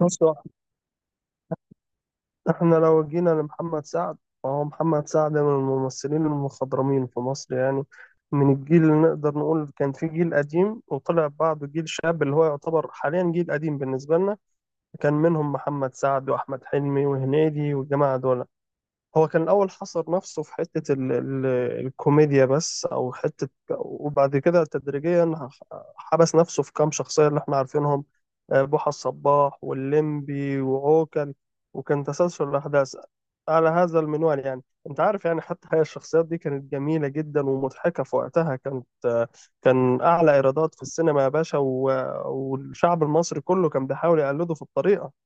بص، احنا لو جينا لمحمد سعد فهو محمد سعد من الممثلين المخضرمين في مصر يعني. من الجيل اللي نقدر نقول كان في جيل قديم وطلع بعده جيل شاب اللي هو يعتبر حاليا جيل قديم بالنسبة لنا. كان منهم محمد سعد وأحمد حلمي وهنيدي والجماعة دول. هو كان الأول حصر نفسه في حتة ال الكوميديا بس أو حتة، وبعد كده تدريجيا حبس نفسه في كام شخصية اللي احنا عارفينهم: بوحة الصباح واللمبي وعوكل. وكان تسلسل الأحداث على هذا المنوال يعني. أنت عارف يعني، حتى هي الشخصيات دي كانت جميلة جدا ومضحكة في وقتها، كانت كان أعلى إيرادات في السينما يا باشا، والشعب المصري كله كان بيحاول يقلده في الطريقة.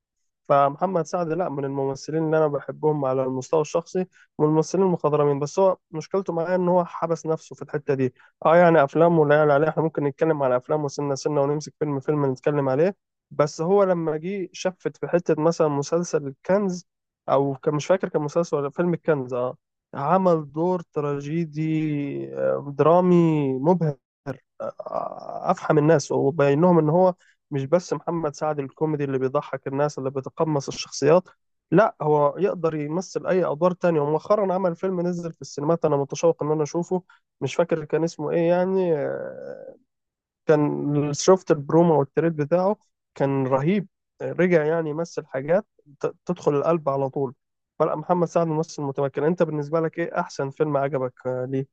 فمحمد سعد لا، من الممثلين اللي انا بحبهم على المستوى الشخصي، من الممثلين المخضرمين، بس هو مشكلته معايا ان هو حبس نفسه في الحته دي. اه يعني افلامه لا يعلى عليها، احنا ممكن نتكلم على افلامه سنه سنه ونمسك فيلم فيلم نتكلم عليه. بس هو لما جه شفت في حته مثلا مسلسل الكنز، او كان مش فاكر كان مسلسل ولا فيلم الكنز، اه. عمل دور تراجيدي، درامي مبهر. افحم الناس وبين لهم ان هو مش بس محمد سعد الكوميدي اللي بيضحك الناس اللي بيتقمص الشخصيات، لا هو يقدر يمثل اي ادوار تانية. ومؤخرا عمل فيلم نزل في السينمات، انا متشوق ان انا اشوفه. مش فاكر كان اسمه ايه يعني، كان شفت البرومو والتريد بتاعه كان رهيب. رجع يعني يمثل حاجات تدخل القلب على طول. فلا محمد سعد ممثل متمكن. انت بالنسبة لك ايه احسن فيلم عجبك ليه؟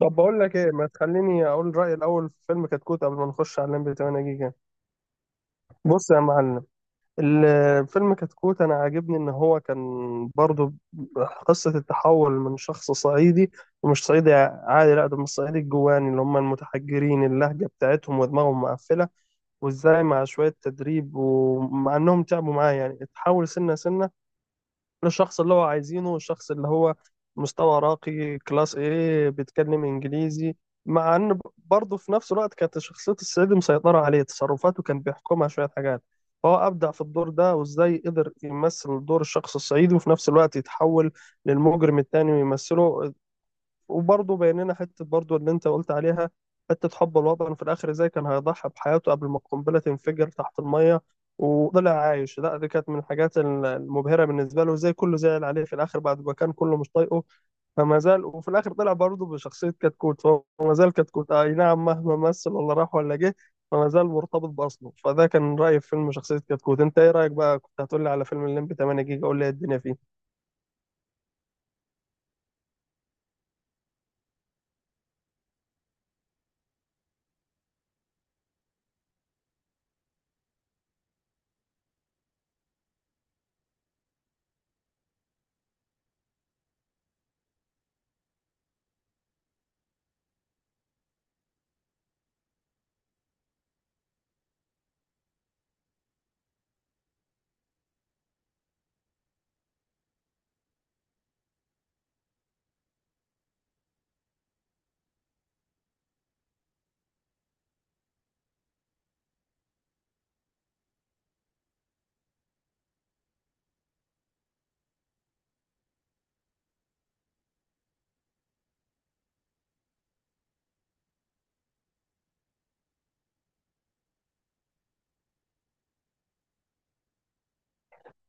طب بقول لك ايه، ما تخليني اقول رأيي الاول في فيلم كتكوت قبل ما نخش على الليمبي 8 جيجا. بص يا معلم، الفيلم كتكوت انا عاجبني ان هو كان برضو قصة التحول من شخص صعيدي، ومش صعيدي عادي لا، ده من الصعيدي الجواني اللي هم المتحجرين، اللهجة بتاعتهم ودماغهم مقفلة. وازاي مع شوية تدريب ومع انهم تعبوا معاه يعني، اتحول سنة سنة للشخص اللي هو عايزينه، الشخص اللي هو مستوى راقي كلاس، ايه، بيتكلم انجليزي. مع ان برضه في نفس الوقت كانت شخصية السيد مسيطرة عليه، تصرفاته كان بيحكمها شوية حاجات. فهو أبدع في الدور ده، وازاي قدر يمثل دور الشخص الصعيدي وفي نفس الوقت يتحول للمجرم التاني ويمثله. وبرضه بيننا حتة برضه اللي أنت قلت عليها، حتة حب الوطن في الآخر، إزاي كان هيضحي بحياته قبل ما القنبلة تنفجر تحت المية وطلع عايش. لا دي كانت من الحاجات المبهرة بالنسبة له، إزاي كله زعل عليه في الآخر بعد ما كان كله مش طايقه. فما زال، وفي الاخر طلع برضه بشخصيه كتكوت، فهو ما زال كتكوت، اي نعم مهما مثل ولا راح ولا جه فما زال مرتبط باصله. فده كان رايي في فيلم شخصيه كتكوت. انت ايه رايك بقى؟ كنت هتقول لي على فيلم الليمبي 8 جيجا، قول لي إيه الدنيا فيه.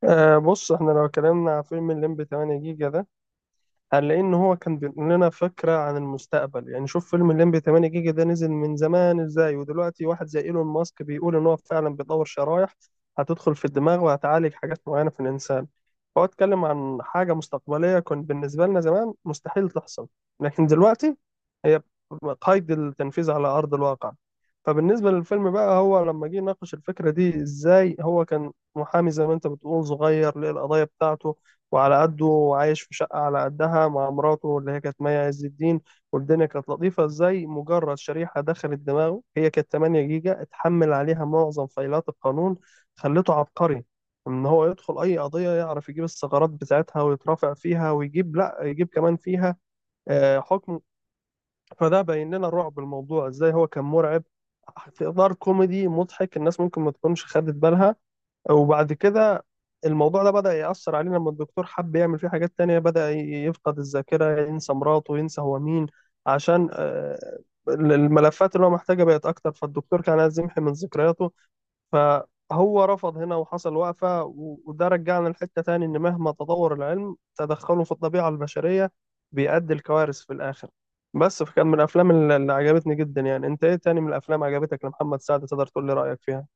آه بص، احنا لو اتكلمنا على فيلم الليمبي 8 جيجا ده، قال لان هو كان بينقل لنا فكره عن المستقبل يعني. شوف، فيلم الليمبي 8 جيجا ده نزل من زمان، ازاي ودلوقتي واحد زي ايلون ماسك بيقول ان هو فعلا بيطور شرايح هتدخل في الدماغ وهتعالج حاجات معينه في الانسان. فهو اتكلم عن حاجه مستقبليه كان بالنسبه لنا زمان مستحيل تحصل، لكن دلوقتي هي قيد التنفيذ على ارض الواقع. فبالنسبه للفيلم بقى، هو لما جه يناقش الفكره دي، ازاي هو كان محامي زي ما انت بتقول صغير للقضايا بتاعته وعلى قده، وعايش في شقة على قدها مع مراته اللي هي كانت مي عز الدين. والدنيا كانت لطيفة، ازاي مجرد شريحة دخلت دماغه هي كانت 8 جيجا، اتحمل عليها معظم فايلات القانون، خلته عبقري ان هو يدخل اي قضية يعرف يجيب الثغرات بتاعتها ويترافع فيها ويجيب لا يجيب كمان فيها حكم. فده بين لنا رعب الموضوع، ازاي هو كان مرعب في اطار كوميدي مضحك. الناس ممكن ما تكونش خدت بالها. وبعد كده الموضوع ده بدأ يأثر علينا، لما الدكتور حب يعمل فيه حاجات تانية، بدأ يفقد الذاكرة، ينسى مراته، ينسى هو مين، عشان الملفات اللي هو محتاجها بقت أكتر. فالدكتور كان عايز يمحي من ذكرياته، فهو رفض هنا وحصل وقفة وده رجعنا لحتة تاني، إن مهما تطور العلم تدخله في الطبيعة البشرية بيؤدي لكوارث في الآخر بس. فكان من الأفلام اللي عجبتني جدا يعني. أنت إيه تاني من الأفلام عجبتك لمحمد سعد؟ تقدر تقول لي رأيك فيها؟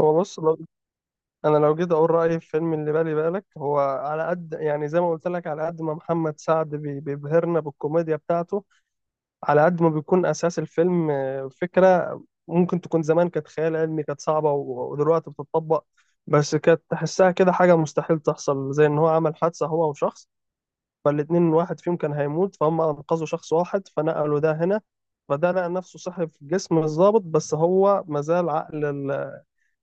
هو بص، انا لو جيت اقول رايي في فيلم اللي بالي بالك، هو على قد يعني زي ما قلت لك، على قد ما محمد سعد بيبهرنا بالكوميديا بتاعته، على قد ما بيكون اساس الفيلم فكره ممكن تكون زمان كانت خيال علمي، كانت صعبه ودلوقتي بتطبق. بس كانت تحسها كده حاجه مستحيل تحصل، زي ان هو عمل حادثه هو وشخص، فالاتنين واحد فيهم كان هيموت، فهم انقذوا شخص واحد فنقلوا ده هنا، فده لقى نفسه صحي في جسم الضابط بس هو مازال عقل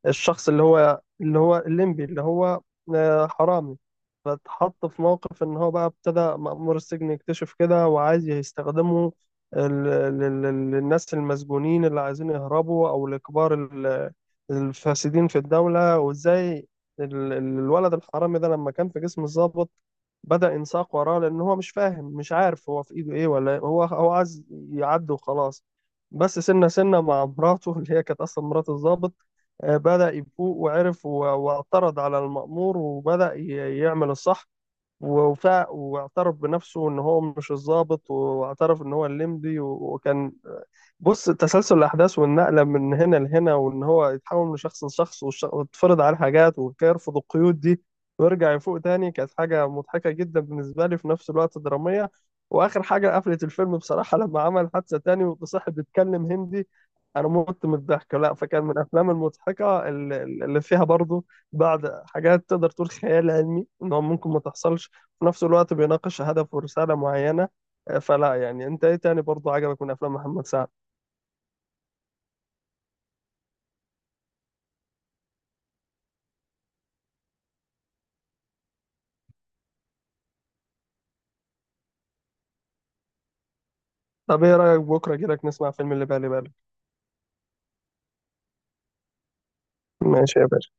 الشخص اللي هو الليمبي اللي هو حرامي. فاتحط في موقف ان هو بقى ابتدى مأمور السجن يكتشف كده وعايز يستخدمه ال- للناس المسجونين اللي عايزين يهربوا او لكبار الفاسدين في الدولة. وازاي الولد الحرامي ده لما كان في جسم الضابط بدأ ينساق وراه، لأن هو مش فاهم مش عارف هو في إيده إيه، ولا هو عايز يعدي وخلاص. بس سنة سنة مع مراته اللي هي كانت أصلا مرات الضابط، بدأ يفوق وعرف واعترض على المأمور، وبدأ يعمل الصح وفاق واعترف بنفسه إن هو مش الضابط، واعترف إن هو الليمبي وكان. بص تسلسل الأحداث والنقلة من هنا لهنا، وإن هو يتحول من شخص لشخص ويتفرض عليه حاجات ويرفض القيود دي ويرجع يفوق تاني، كانت حاجة مضحكة جدا بالنسبة لي في نفس الوقت درامية. وآخر حاجة قفلت الفيلم بصراحة، لما عمل حادثة تاني وصاحب بيتكلم هندي، أنا مت من الضحك. لا فكان من الأفلام المضحكة اللي فيها برضو بعض حاجات تقدر تقول خيال علمي إن هو ممكن ما تحصلش، وفي نفس الوقت بيناقش هدف ورسالة معينة. فلا يعني، أنت إيه تاني برضو عجبك من أفلام محمد سعد؟ طب ايه رأيك بكرة كده نسمع فيلم اللي بالي بالك؟ ماشي يا باشا